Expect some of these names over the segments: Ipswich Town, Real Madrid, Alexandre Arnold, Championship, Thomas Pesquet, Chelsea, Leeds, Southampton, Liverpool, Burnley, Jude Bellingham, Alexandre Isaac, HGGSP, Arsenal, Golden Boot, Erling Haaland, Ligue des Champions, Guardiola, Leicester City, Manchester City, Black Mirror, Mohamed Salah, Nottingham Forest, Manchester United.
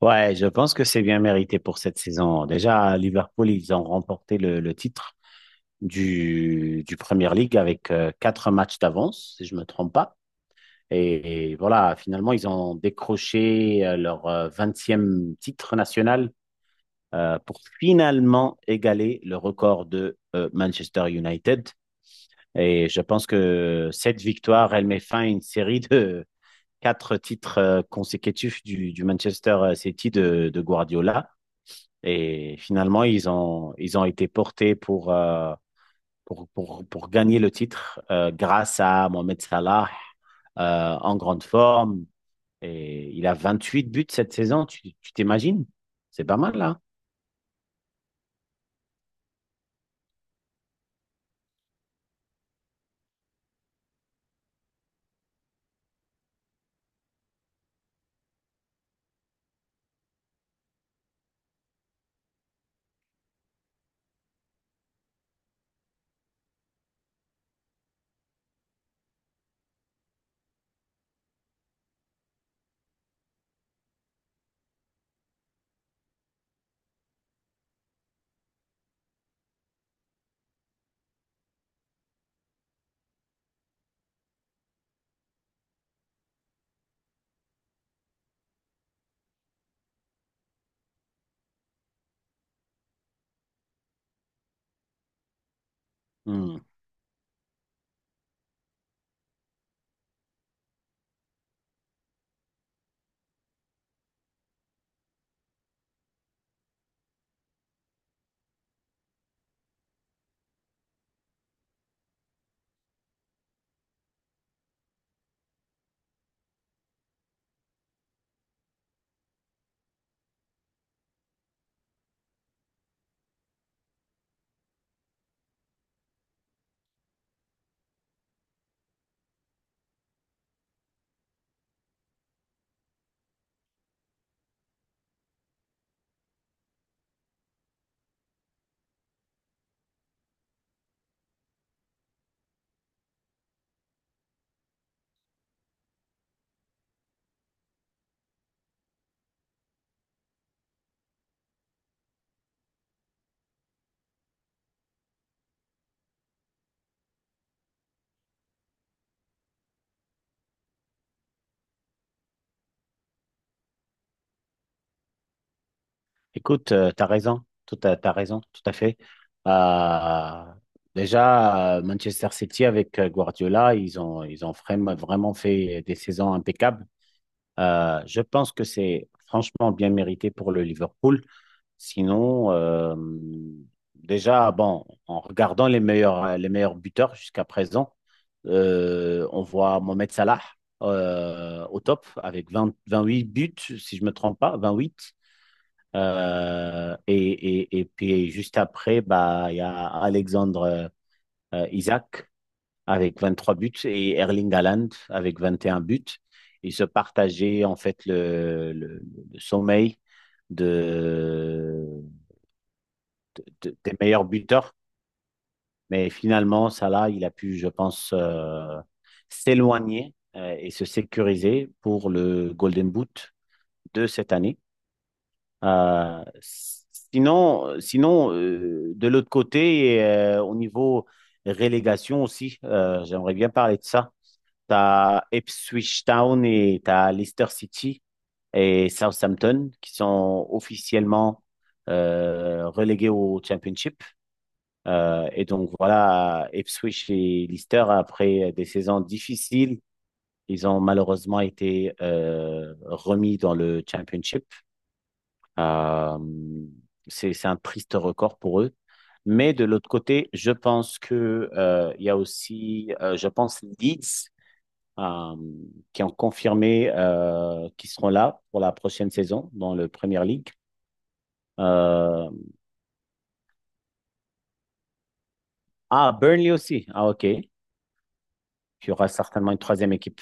Ouais, je pense que c'est bien mérité pour cette saison. Déjà, Liverpool, ils ont remporté le titre du Premier League avec quatre matchs d'avance, si je me trompe pas. Et voilà, finalement, ils ont décroché leur 20e titre national pour finalement égaler le record de Manchester United. Et je pense que cette victoire, elle met fin à une série de quatre titres consécutifs du Manchester City de Guardiola. Et finalement, ils ont été portés pour, pour gagner le titre grâce à Mohamed Salah en grande forme. Et il a 28 buts cette saison, tu t'imagines? C'est pas mal, là. Hmm. Écoute, t'as raison, tout à fait. Euh, déjà, Manchester City avec Guardiola, ils ont vraiment, vraiment fait des saisons impeccables. Je pense que c'est franchement bien mérité pour le Liverpool. Sinon, déjà, bon, en regardant les meilleurs buteurs jusqu'à présent, on voit Mohamed Salah au top avec vingt vingt huit buts, si je ne me trompe pas, 28. Euh, et, et puis juste après, bah, il y a Alexandre Isaac avec 23 buts et Erling Haaland avec 21 buts. Ils se partageaient en fait le sommeil de tes meilleurs buteurs. Mais finalement, Salah, il a pu, je pense, s'éloigner et se sécuriser pour le Golden Boot de cette année. Euh, sinon de l'autre côté, au niveau relégation aussi, j'aimerais bien parler de ça. Tu as Ipswich Town et tu as Leicester City et Southampton qui sont officiellement relégués au Championship. Et donc voilà, Ipswich et Leicester, après des saisons difficiles, ils ont malheureusement été remis dans le Championship. Euh, c'est un triste record pour eux. Mais de l'autre côté, je pense que il y a aussi, je pense, Leeds euh, qui ont confirmé qu'ils seront là pour la prochaine saison dans le Premier League. Euh, ah, Burnley aussi. Ah, ok. Il y aura certainement une troisième équipe.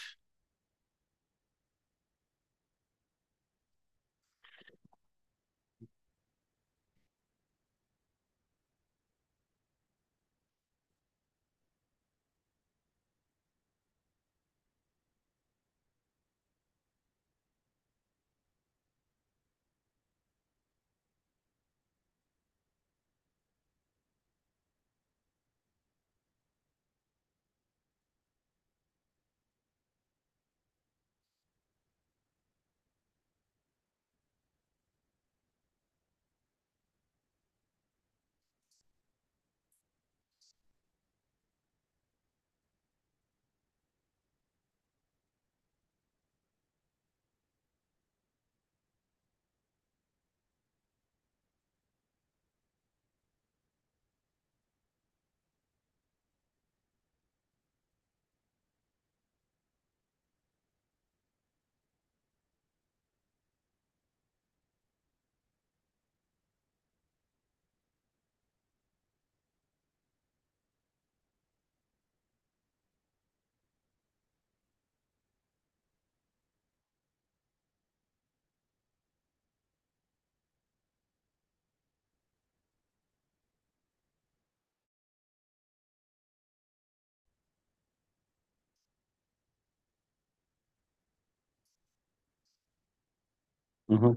Mhm.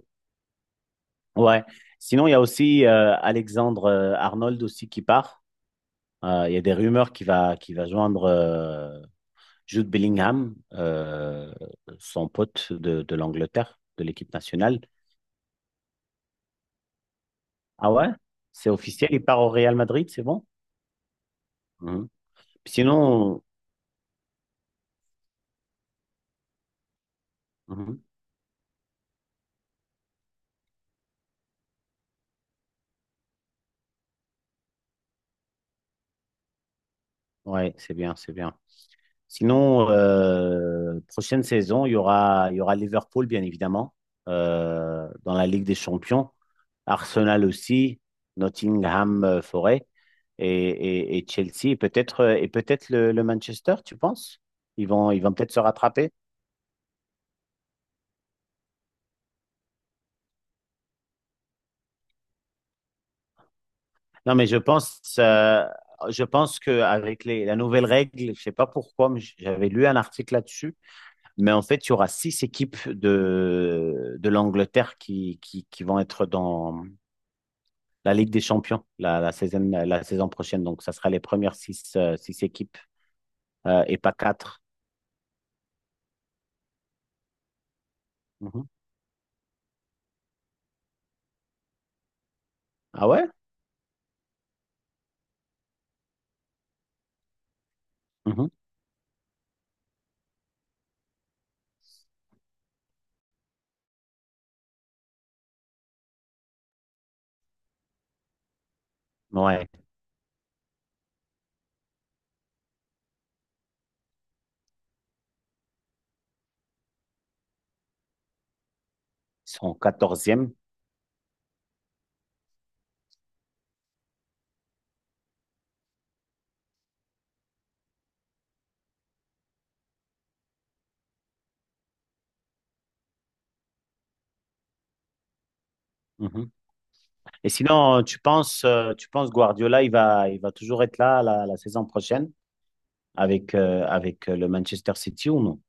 Ouais. Sinon, il y a aussi Alexandre Arnold aussi qui part. Il y a des rumeurs qui va joindre Jude Bellingham, son pote de l'Angleterre, de l'équipe nationale. Ah ouais? C'est officiel, il part au Real Madrid, c'est bon? Mhm. Sinon, mhm. Ouais, c'est bien, c'est bien. Sinon, prochaine saison, il y aura Liverpool, bien évidemment, dans la Ligue des Champions. Arsenal aussi, Nottingham Forest, et, et Chelsea et peut-être le Manchester, tu penses? Ils vont peut-être se rattraper. Non, mais je pense que avec la nouvelle règle, je sais pas pourquoi, mais j'avais lu un article là-dessus, mais en fait, il y aura six équipes de l'Angleterre qui vont être dans la Ligue des Champions la saison prochaine. Donc, ça sera les premières six six équipes et pas quatre. Mhm. Ah ouais? Mhm. Ouais. Ils sont 14e. Et sinon, tu penses Guardiola, il va toujours être là la saison prochaine avec, le Manchester City ou non?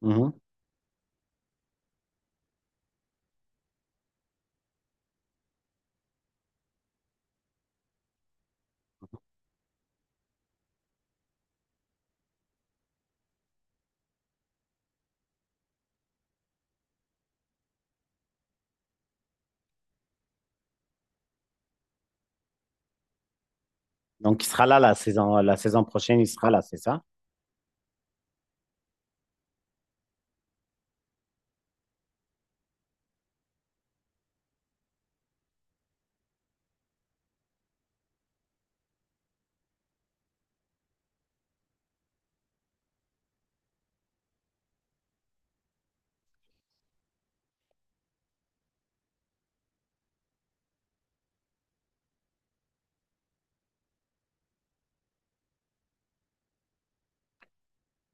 Mhm. Donc, il sera là la saison prochaine, il sera là, c'est ça?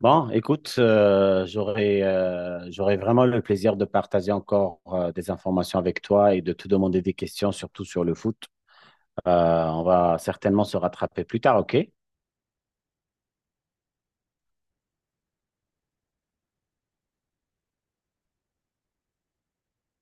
Bon, écoute, j'aurais vraiment le plaisir de partager encore des informations avec toi et de te demander des questions, surtout sur le foot. Euh, on va certainement se rattraper plus tard, OK?